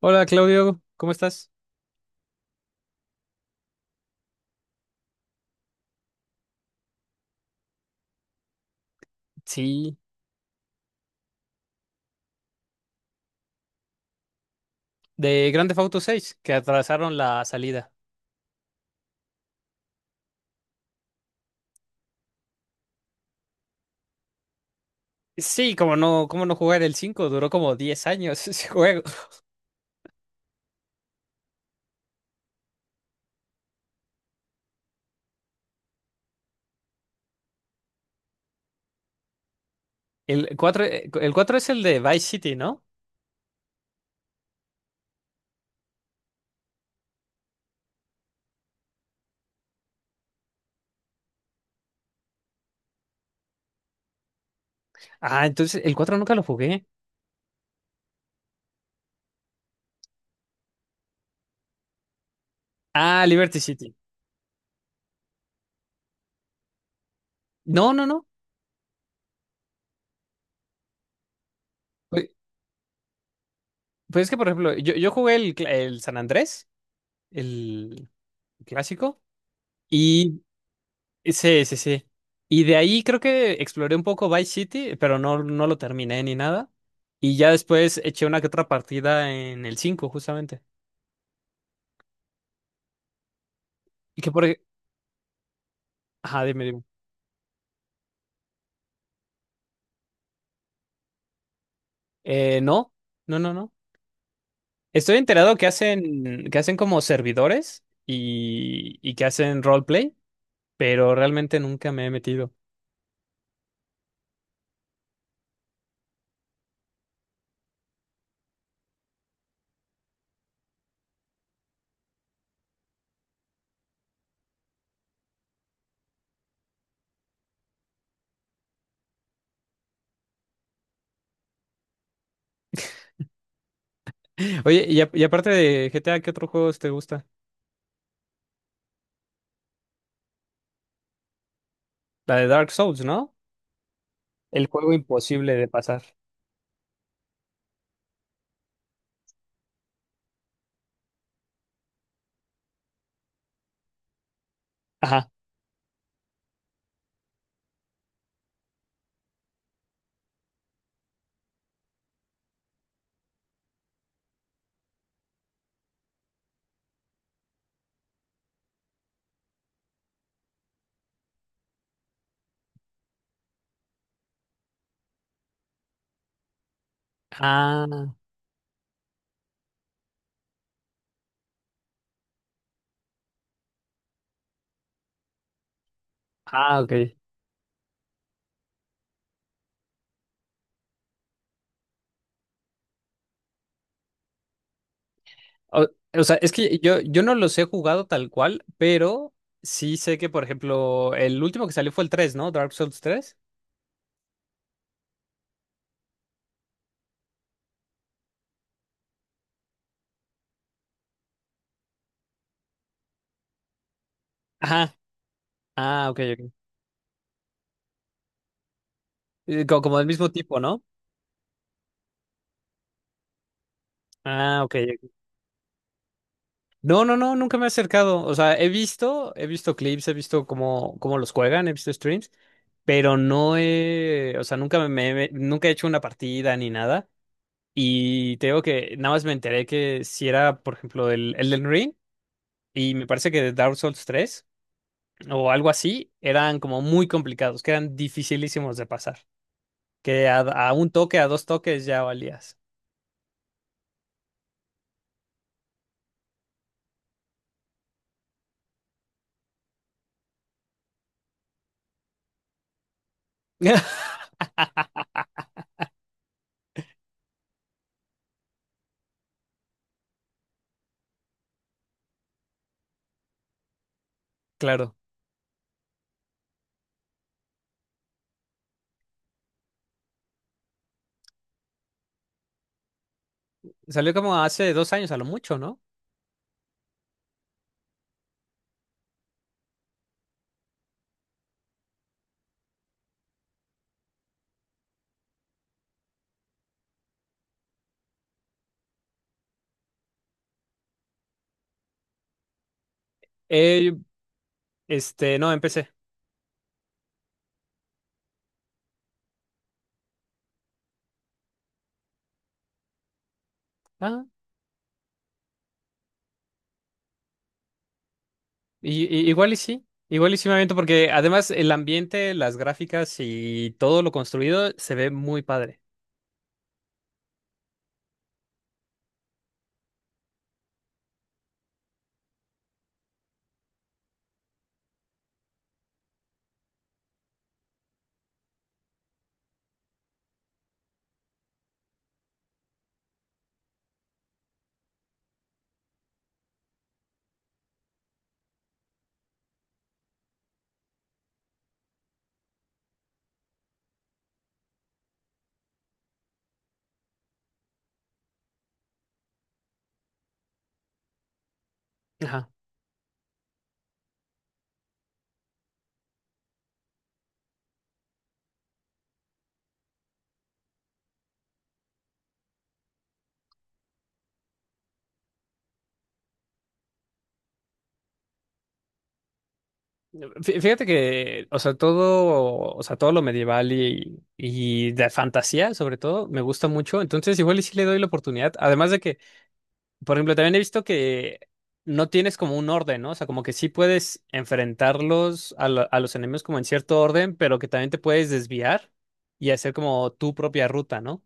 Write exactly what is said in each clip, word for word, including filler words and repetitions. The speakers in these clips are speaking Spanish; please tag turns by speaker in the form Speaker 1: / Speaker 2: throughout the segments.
Speaker 1: Hola Claudio, ¿cómo estás? Sí, de Grand Theft Auto seis que atrasaron la salida. Sí, como no, cómo no jugar. El cinco duró como diez años ese juego. El cuatro, eh, el cuatro es el de Vice City, ¿no? Ah, entonces el cuatro nunca lo jugué. Ah, Liberty City. No, no, no. Pues, pues es que, por ejemplo, yo, yo jugué el, cl- el San Andrés, el clásico, y sí, sí, sí. Y de ahí creo que exploré un poco Vice City, pero no, no lo terminé ni nada. Y ya después eché una que otra partida en el cinco justamente. Y que por... ej- Ajá, dime, dime. Eh, no, no, no, no. Estoy enterado que hacen, que hacen como servidores y, y que hacen roleplay, pero realmente nunca me he metido. Oye, y, a- y aparte de G T A, ¿qué otros juegos te gusta? La de Dark Souls, ¿no? El juego imposible de pasar. Ajá. Ah, ah, ok. O, o sea, es que yo, yo no los he jugado tal cual, pero sí sé que, por ejemplo, el último que salió fue el tres, ¿no? Dark Souls tres. Ajá. Ah, ok, ok. Eh, co- Como del mismo tipo, ¿no? Ah, ok. Ok. No, no, no, nunca me he acercado. O sea, he visto, he visto clips, he visto cómo, cómo los juegan, he visto streams, pero no he, o sea, nunca me, me- nunca he hecho una partida ni nada. Y te digo que nada más me enteré que si era, por ejemplo, el Elden Ring y me parece que Dark Souls tres. O algo así, eran como muy complicados, que eran dificilísimos de pasar. Que a, a un toque, a dos toques ya valías. Claro. Salió como hace dos años a lo mucho, ¿no? Eh, este, no, empecé. Ah, y, y- igual y sí. Igual y sí me aviento porque además el ambiente, las gráficas y todo lo construido se ve muy padre. Ajá. Fí- Fíjate que, o sea, todo, o sea, todo lo medieval y, y de fantasía, sobre todo, me gusta mucho. Entonces, igual y sí le doy la oportunidad. Además de que, por ejemplo, también he visto que no tienes como un orden, ¿no? O sea, como que sí puedes enfrentarlos a, lo- a los enemigos como en cierto orden, pero que también te puedes desviar y hacer como tu propia ruta, ¿no?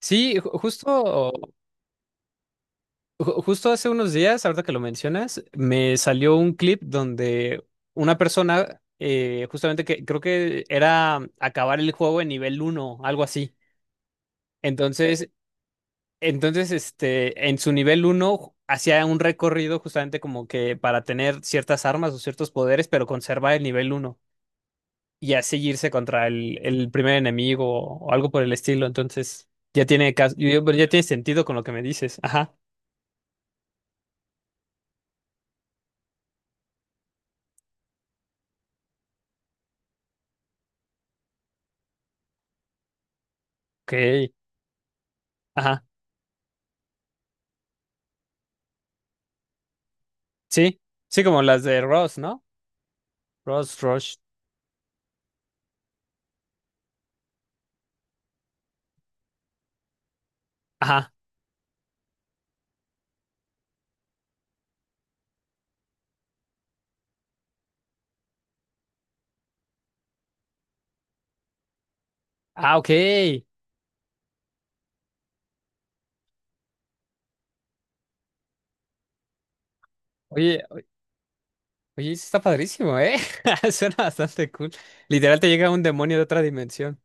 Speaker 1: Sí, ju- justo, ju- justo hace unos días, ahorita que lo mencionas, me salió un clip donde una persona, eh, justamente, que creo que era acabar el juego en nivel uno, algo así. Entonces, Entonces, este, en su nivel uno hacía un recorrido justamente como que para tener ciertas armas o ciertos poderes, pero conservar el nivel uno y así irse contra el, el primer enemigo o algo por el estilo. Entonces, ya tiene cas- yo- pero ya tiene sentido con lo que me dices. Ajá. Ok. Ajá. Sí. Sí, como las de Ross, ¿no? Ross, Rush. Ajá. Ah, ok. Oye, o- oye, eso está padrísimo, ¿eh? Suena bastante cool. Literal te llega un demonio de otra dimensión.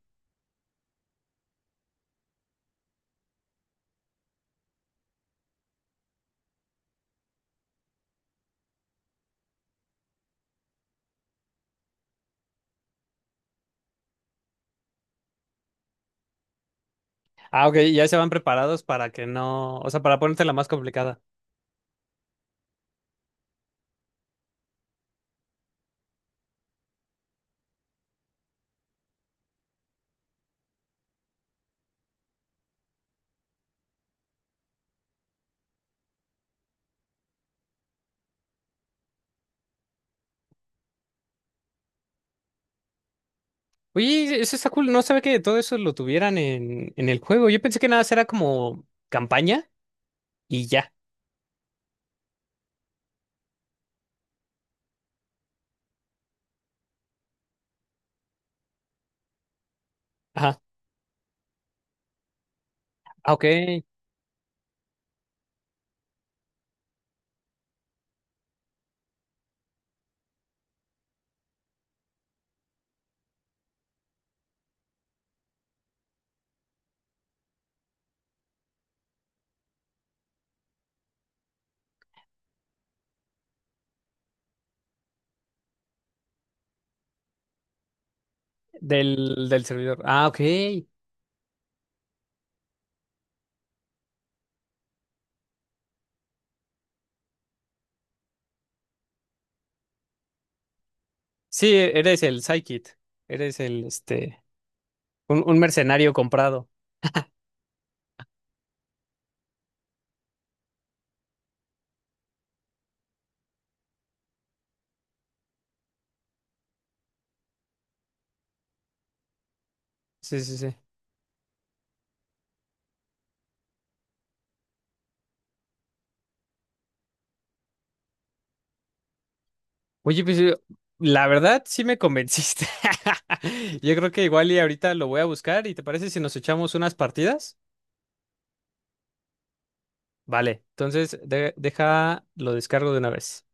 Speaker 1: Ah, ok, ya se van preparados para que no, o sea, para ponerte la más complicada. Oye, eso está cool, no sabía que todo eso lo tuvieran en, en el juego. Yo pensé que nada, era como campaña y ya. Ajá. Ah, ok, del, del servidor. Ah, ok. Sí, e-, eres el Psykit, eres el, este, un, un mercenario comprado. Sí, sí, sí. Oye, pues eh, la verdad sí me convenciste. Yo creo que igual y ahorita lo voy a buscar y ¿te parece si nos echamos unas partidas? Vale, entonces de- deja, lo descargo de una vez.